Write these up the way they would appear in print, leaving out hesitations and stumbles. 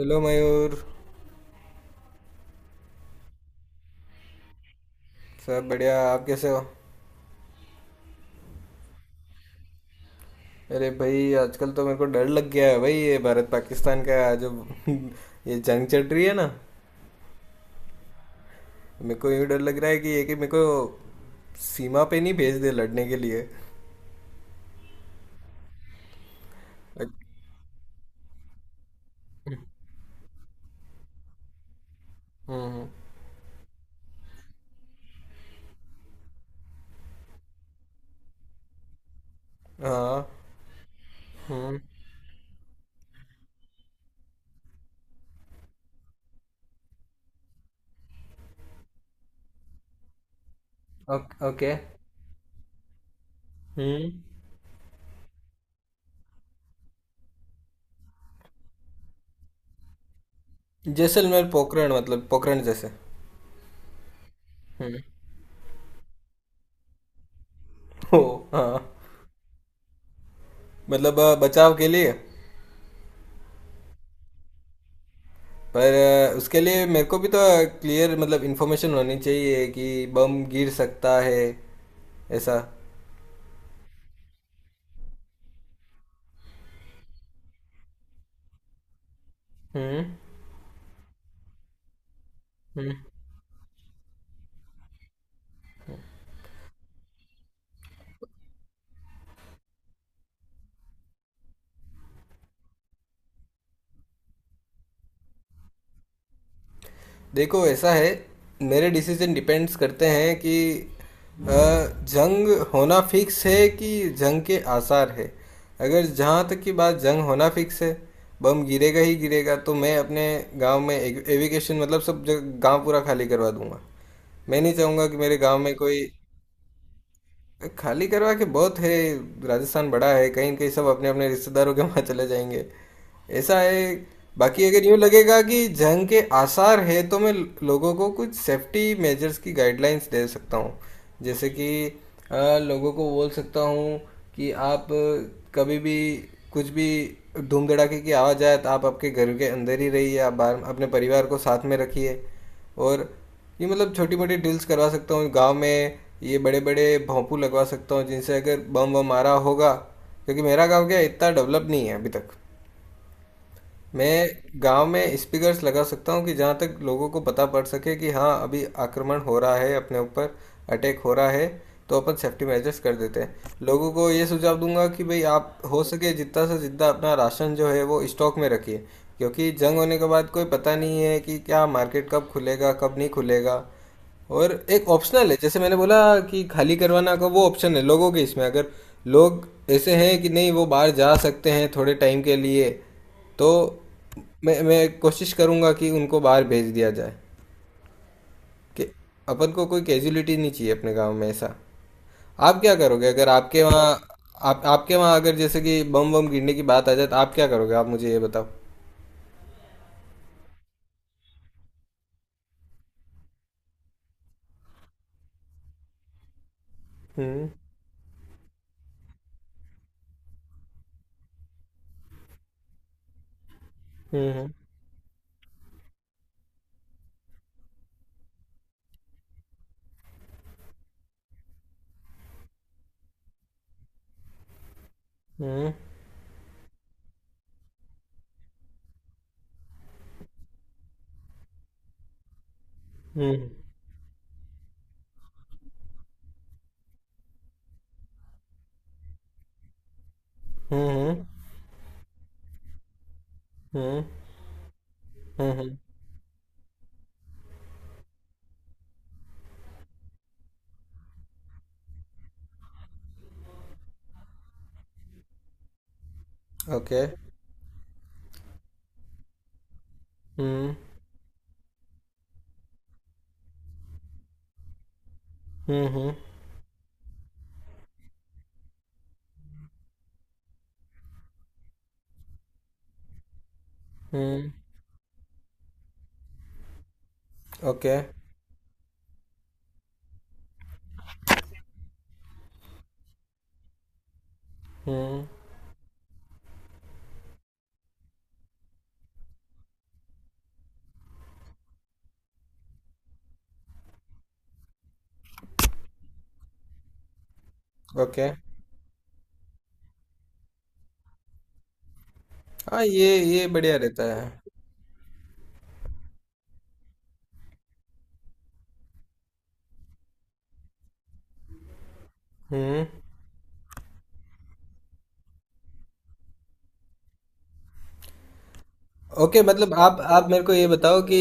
Hello Mayur. सब बढ़िया। आप कैसे हो? अरे भाई, आजकल तो मेरे को डर लग गया है भाई। ये भारत पाकिस्तान का जो ये जंग चल रही है ना। मेरे को यूँ डर लग रहा है कि ये कि मेरे को सीमा पे नहीं भेज दे लड़ने के लिए। हम्म। हाँ। हम्म। ओके। हम्म। जैसलमेर पोखरण, मतलब पोखरण जैसे। हम्म। ओ, हाँ। मतलब बचाव के लिए। पर उसके लिए मेरे को भी तो क्लियर मतलब इन्फॉर्मेशन होनी चाहिए कि बम गिर सकता है ऐसा। हम्म। हम्म। देखो, ऐसा है। मेरे डिसीजन डिपेंड्स करते हैं कि अ, जंग होना फिक्स है कि जंग के आसार है। अगर जहाँ तक की बात जंग होना फिक्स है, बम गिरेगा ही गिरेगा, तो मैं अपने गांव में एविकेशन मतलब सब जगह गांव पूरा खाली करवा दूंगा। मैं नहीं चाहूँगा कि मेरे गांव में कोई खाली करवा के बहुत है। राजस्थान बड़ा है, कहीं न कहीं सब अपने अपने रिश्तेदारों के वहाँ चले जाएंगे। ऐसा है। बाकी अगर यूँ लगेगा कि जंग के आसार है तो मैं लोगों को कुछ सेफ्टी मेजर्स की गाइडलाइंस दे सकता हूँ। जैसे कि लोगों को बोल सकता हूँ कि आप कभी भी कुछ भी धूम धड़ाके की आवाज़ आए तो आप आपके घर के अंदर ही रहिए, आप बाहर अपने परिवार को साथ में रखिए। और ये मतलब छोटी मोटी ड्रिल्स करवा सकता हूँ गांव में, ये बड़े बड़े भोंपू लगवा सकता हूँ जिनसे अगर बम वम मारा होगा। क्योंकि मेरा गांव क्या है, इतना डेवलप नहीं है अभी तक। मैं गांव में स्पीकर्स लगा सकता हूँ कि जहाँ तक लोगों को पता पड़ सके कि हाँ अभी आक्रमण हो रहा है अपने ऊपर, अटैक हो रहा है, तो अपन सेफ्टी मेजर्स कर देते हैं। लोगों को ये सुझाव दूंगा कि भाई आप हो सके जितना से जितना अपना राशन जो है वो स्टॉक में रखिए, क्योंकि जंग होने के बाद कोई पता नहीं है कि क्या मार्केट कब खुलेगा कब नहीं खुलेगा। और एक ऑप्शनल है, जैसे मैंने बोला कि खाली करवाना का, वो ऑप्शन है लोगों के। इसमें अगर लोग ऐसे हैं कि नहीं वो बाहर जा सकते हैं थोड़े टाइम के लिए, तो मैं कोशिश करूँगा कि उनको बाहर भेज दिया जाए, कि अपन को कोई कैजुअलिटी नहीं चाहिए अपने गांव में ऐसा। आप क्या करोगे अगर आपके वहाँ आप आपके वहाँ अगर जैसे कि बम बम गिरने की बात आ जाए तो आप क्या करोगे? आप मुझे ये बताओ। हम्म। हम्म। हम्म। हम्म। हम्म। हम्म। हम्म। ओके। हम्म। हम्म। हम्म। ओके। हम्म। ओके। हाँ, ये बढ़िया रहता है। हम्म। ओके, मतलब आप मेरे को ये बताओ कि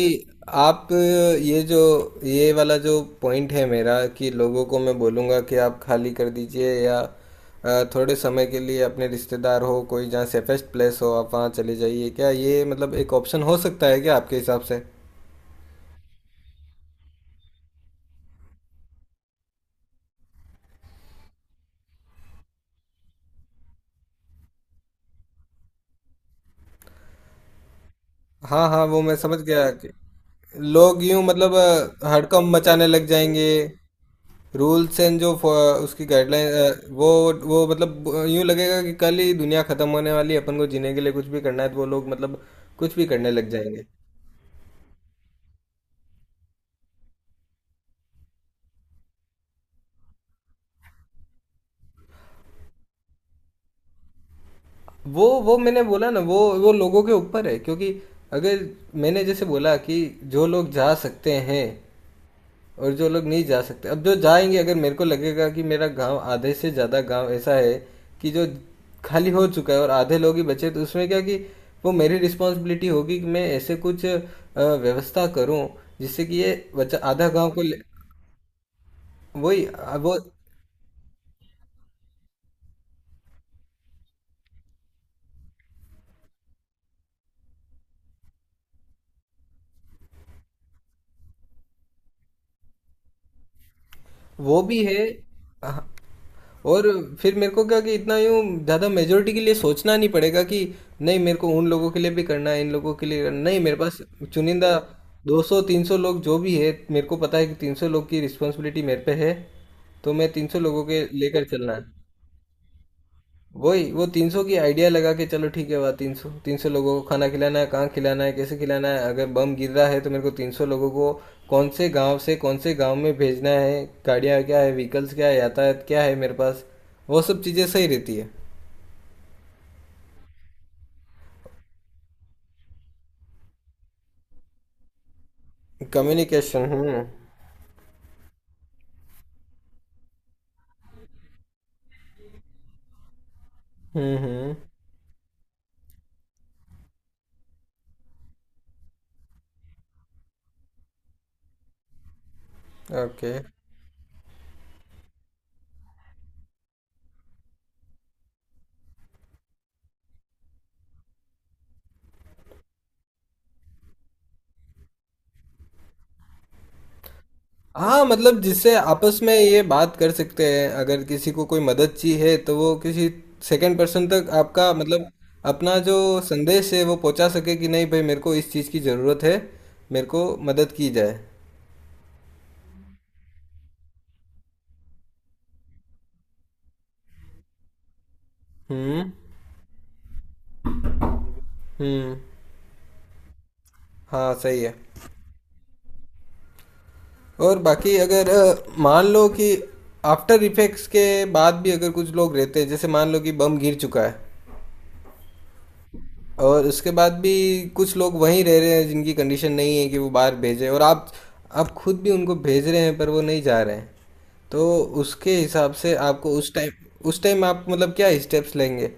आप ये जो ये वाला जो पॉइंट है मेरा, कि लोगों को मैं बोलूँगा कि आप खाली कर दीजिए, या थोड़े समय के लिए अपने रिश्तेदार हो कोई जहाँ सेफेस्ट प्लेस हो आप वहाँ चले जाइए, क्या ये मतलब एक ऑप्शन हो सकता है क्या आपके हिसाब से? हाँ हाँ, वो मैं समझ गया कि लोग यूं मतलब हड़कंप मचाने लग जाएंगे। रूल्स एंड जो उसकी गाइडलाइन, वो वो मतलब यूं लगेगा कि कल ही दुनिया खत्म होने वाली है, अपन को जीने के लिए कुछ भी करना है तो वो लोग मतलब कुछ भी करने लग जाएंगे। वो मैंने बोला ना, वो लोगों के ऊपर है, क्योंकि अगर मैंने जैसे बोला कि जो लोग जा सकते हैं और जो लोग नहीं जा सकते, अब जो जाएंगे, अगर मेरे को लगेगा कि मेरा गांव आधे से ज़्यादा गांव ऐसा है कि जो खाली हो चुका है और आधे लोग ही बचे, तो उसमें क्या कि वो मेरी रिस्पॉन्सिबिलिटी होगी कि मैं ऐसे कुछ व्यवस्था करूं जिससे कि ये बच्चा आधा गांव को ले। वही वो भी है। और फिर मेरे को क्या कि इतना यूँ ज़्यादा मेजोरिटी के लिए सोचना नहीं पड़ेगा कि नहीं मेरे को उन लोगों के लिए भी करना है इन लोगों के लिए करना, नहीं मेरे पास चुनिंदा 200 300 लोग जो भी है, मेरे को पता है कि 300 लोग की रिस्पॉन्सिबिलिटी मेरे पे है तो मैं 300 लोगों के लेकर चलना है। वही वो 300 की आइडिया लगा के चलो ठीक है। वाह, 300 300 लोगों को खाना खिलाना है, कहाँ खिलाना है, कैसे खिलाना है। अगर बम गिर रहा है तो मेरे को 300 लोगों को कौन से गांव से कौन से गांव में भेजना है, गाड़ियाँ क्या है, व्हीकल्स क्या है, यातायात क्या है मेरे पास। वो सब चीज़ें सही रहती है। कम्युनिकेशन। हम्म। हम्म। हम्म। ओके। हाँ, मतलब जिससे आपस में ये बात कर सकते हैं, अगर किसी को कोई मदद चाहिए तो वो किसी सेकंड पर्सन तक आपका मतलब अपना जो संदेश है वो पहुंचा सके, कि नहीं भाई मेरे को इस चीज़ की ज़रूरत है, मेरे को मदद की जाए। हम्म। हम्म। हाँ सही है। और बाकी अगर मान लो कि आफ्टर इफेक्ट्स के बाद भी अगर कुछ लोग रहते हैं, जैसे मान लो कि बम गिर चुका है और उसके बाद भी कुछ लोग वहीं रह रहे हैं जिनकी कंडीशन नहीं है कि वो बाहर भेजें, और आप खुद भी उनको भेज रहे हैं पर वो नहीं जा रहे हैं, तो उसके हिसाब से आपको उस टाइम आप मतलब क्या स्टेप्स लेंगे?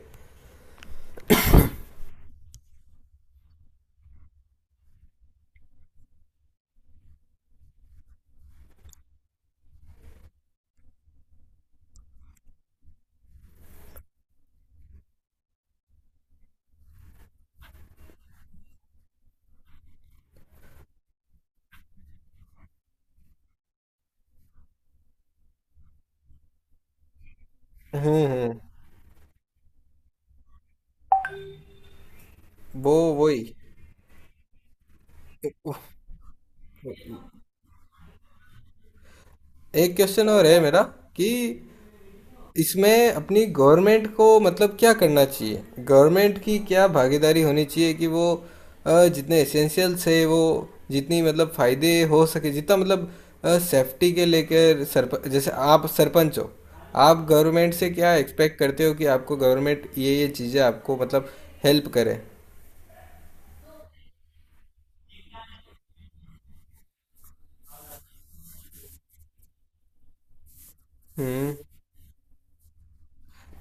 हम्म। हम्म। वो वही। एक क्वेश्चन और है मेरा, कि इसमें अपनी गवर्नमेंट को मतलब क्या करना चाहिए, गवर्नमेंट की क्या भागीदारी होनी चाहिए कि वो जितने एसेंशियल्स है वो जितनी मतलब फायदे हो सके जितना मतलब सेफ्टी के लेकर सरप, जैसे आप सरपंच हो, आप गवर्नमेंट से क्या एक्सपेक्ट करते हो कि आपको गवर्नमेंट ये चीज़ें आपको मतलब हेल्प करे? हम्म।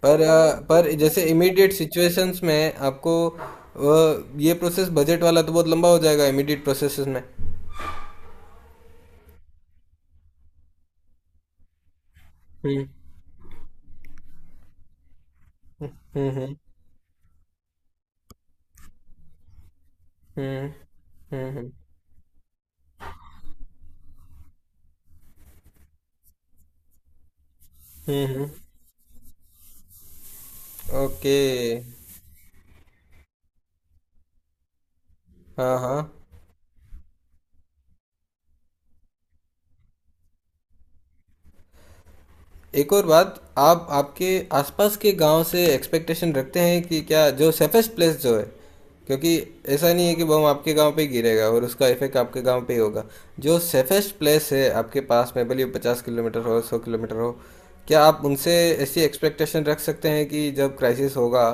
पर जैसे इमीडिएट सिचुएशंस में आपको ये प्रोसेस बजट वाला तो बहुत लंबा हो जाएगा इमीडिएट प्रोसेसेस में। हम्म। हम्म। हम्म। हम्म। हम्म। हम्म। हम्म, हम्म, ओके। हाँ हाँ। एक और बात, आप आपके आसपास के गांव से एक्सपेक्टेशन रखते हैं कि क्या, जो सेफेस्ट प्लेस जो है, क्योंकि ऐसा नहीं है कि बम आपके गांव पे ही गिरेगा और उसका इफेक्ट आपके गांव पे ही होगा। जो सेफेस्ट प्लेस है आपके पास में, भले 50 किलोमीटर हो 100 किलोमीटर हो, क्या आप उनसे ऐसी एक्सपेक्टेशन रख सकते हैं कि जब क्राइसिस होगा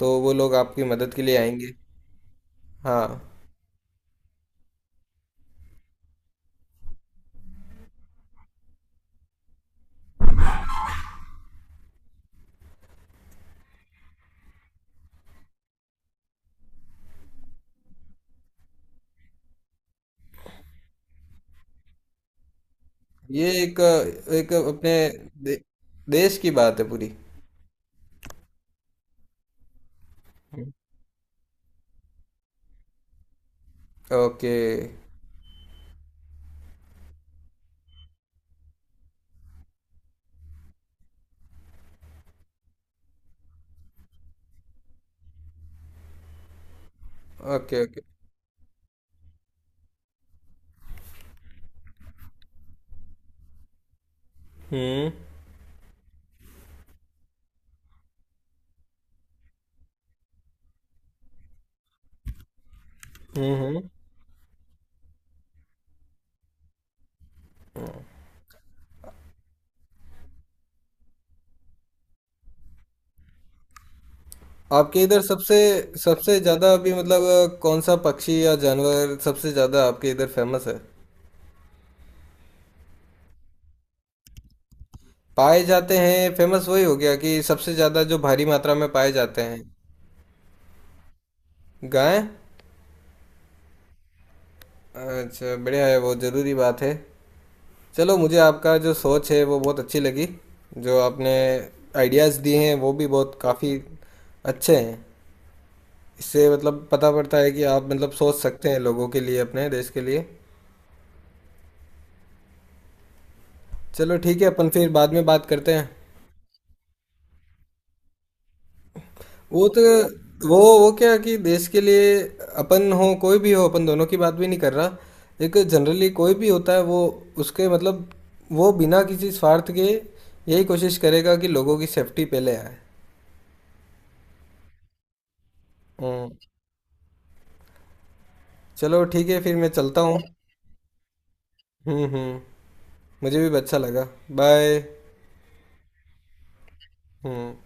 तो वो लोग आपकी मदद के लिए आएंगे? हाँ, ये एक एक अपने दे, देश की बात है पूरी। हम्म। ओके। ओके। ओके। हम्म। हम्म। हम्म। आपके इधर सबसे सबसे ज्यादा अभी मतलब कौन सा पक्षी या जानवर सबसे ज्यादा आपके इधर फेमस है, पाए जाते हैं? फेमस वही हो गया कि सबसे ज्यादा जो भारी मात्रा में पाए जाते हैं। गाय। अच्छा, बढ़िया है, वो जरूरी बात है। चलो, मुझे आपका जो सोच है वो बहुत अच्छी लगी। जो आपने आइडियाज़ दिए हैं वो भी बहुत काफ़ी अच्छे हैं। इससे मतलब पता पड़ता है कि आप मतलब सोच सकते हैं लोगों के लिए, अपने देश के लिए। चलो ठीक है, अपन फिर बाद में बात करते हैं। वो तो वो क्या कि देश के लिए अपन हो कोई भी हो, अपन दोनों की बात भी नहीं कर रहा। एक जनरली कोई भी होता है, वो उसके मतलब वो बिना किसी स्वार्थ के यही कोशिश करेगा कि लोगों की सेफ्टी पहले आए। हम्म। चलो ठीक है, फिर मैं चलता हूँ। हम्म। हम्म। मुझे भी अच्छा लगा। बाय। हम्म।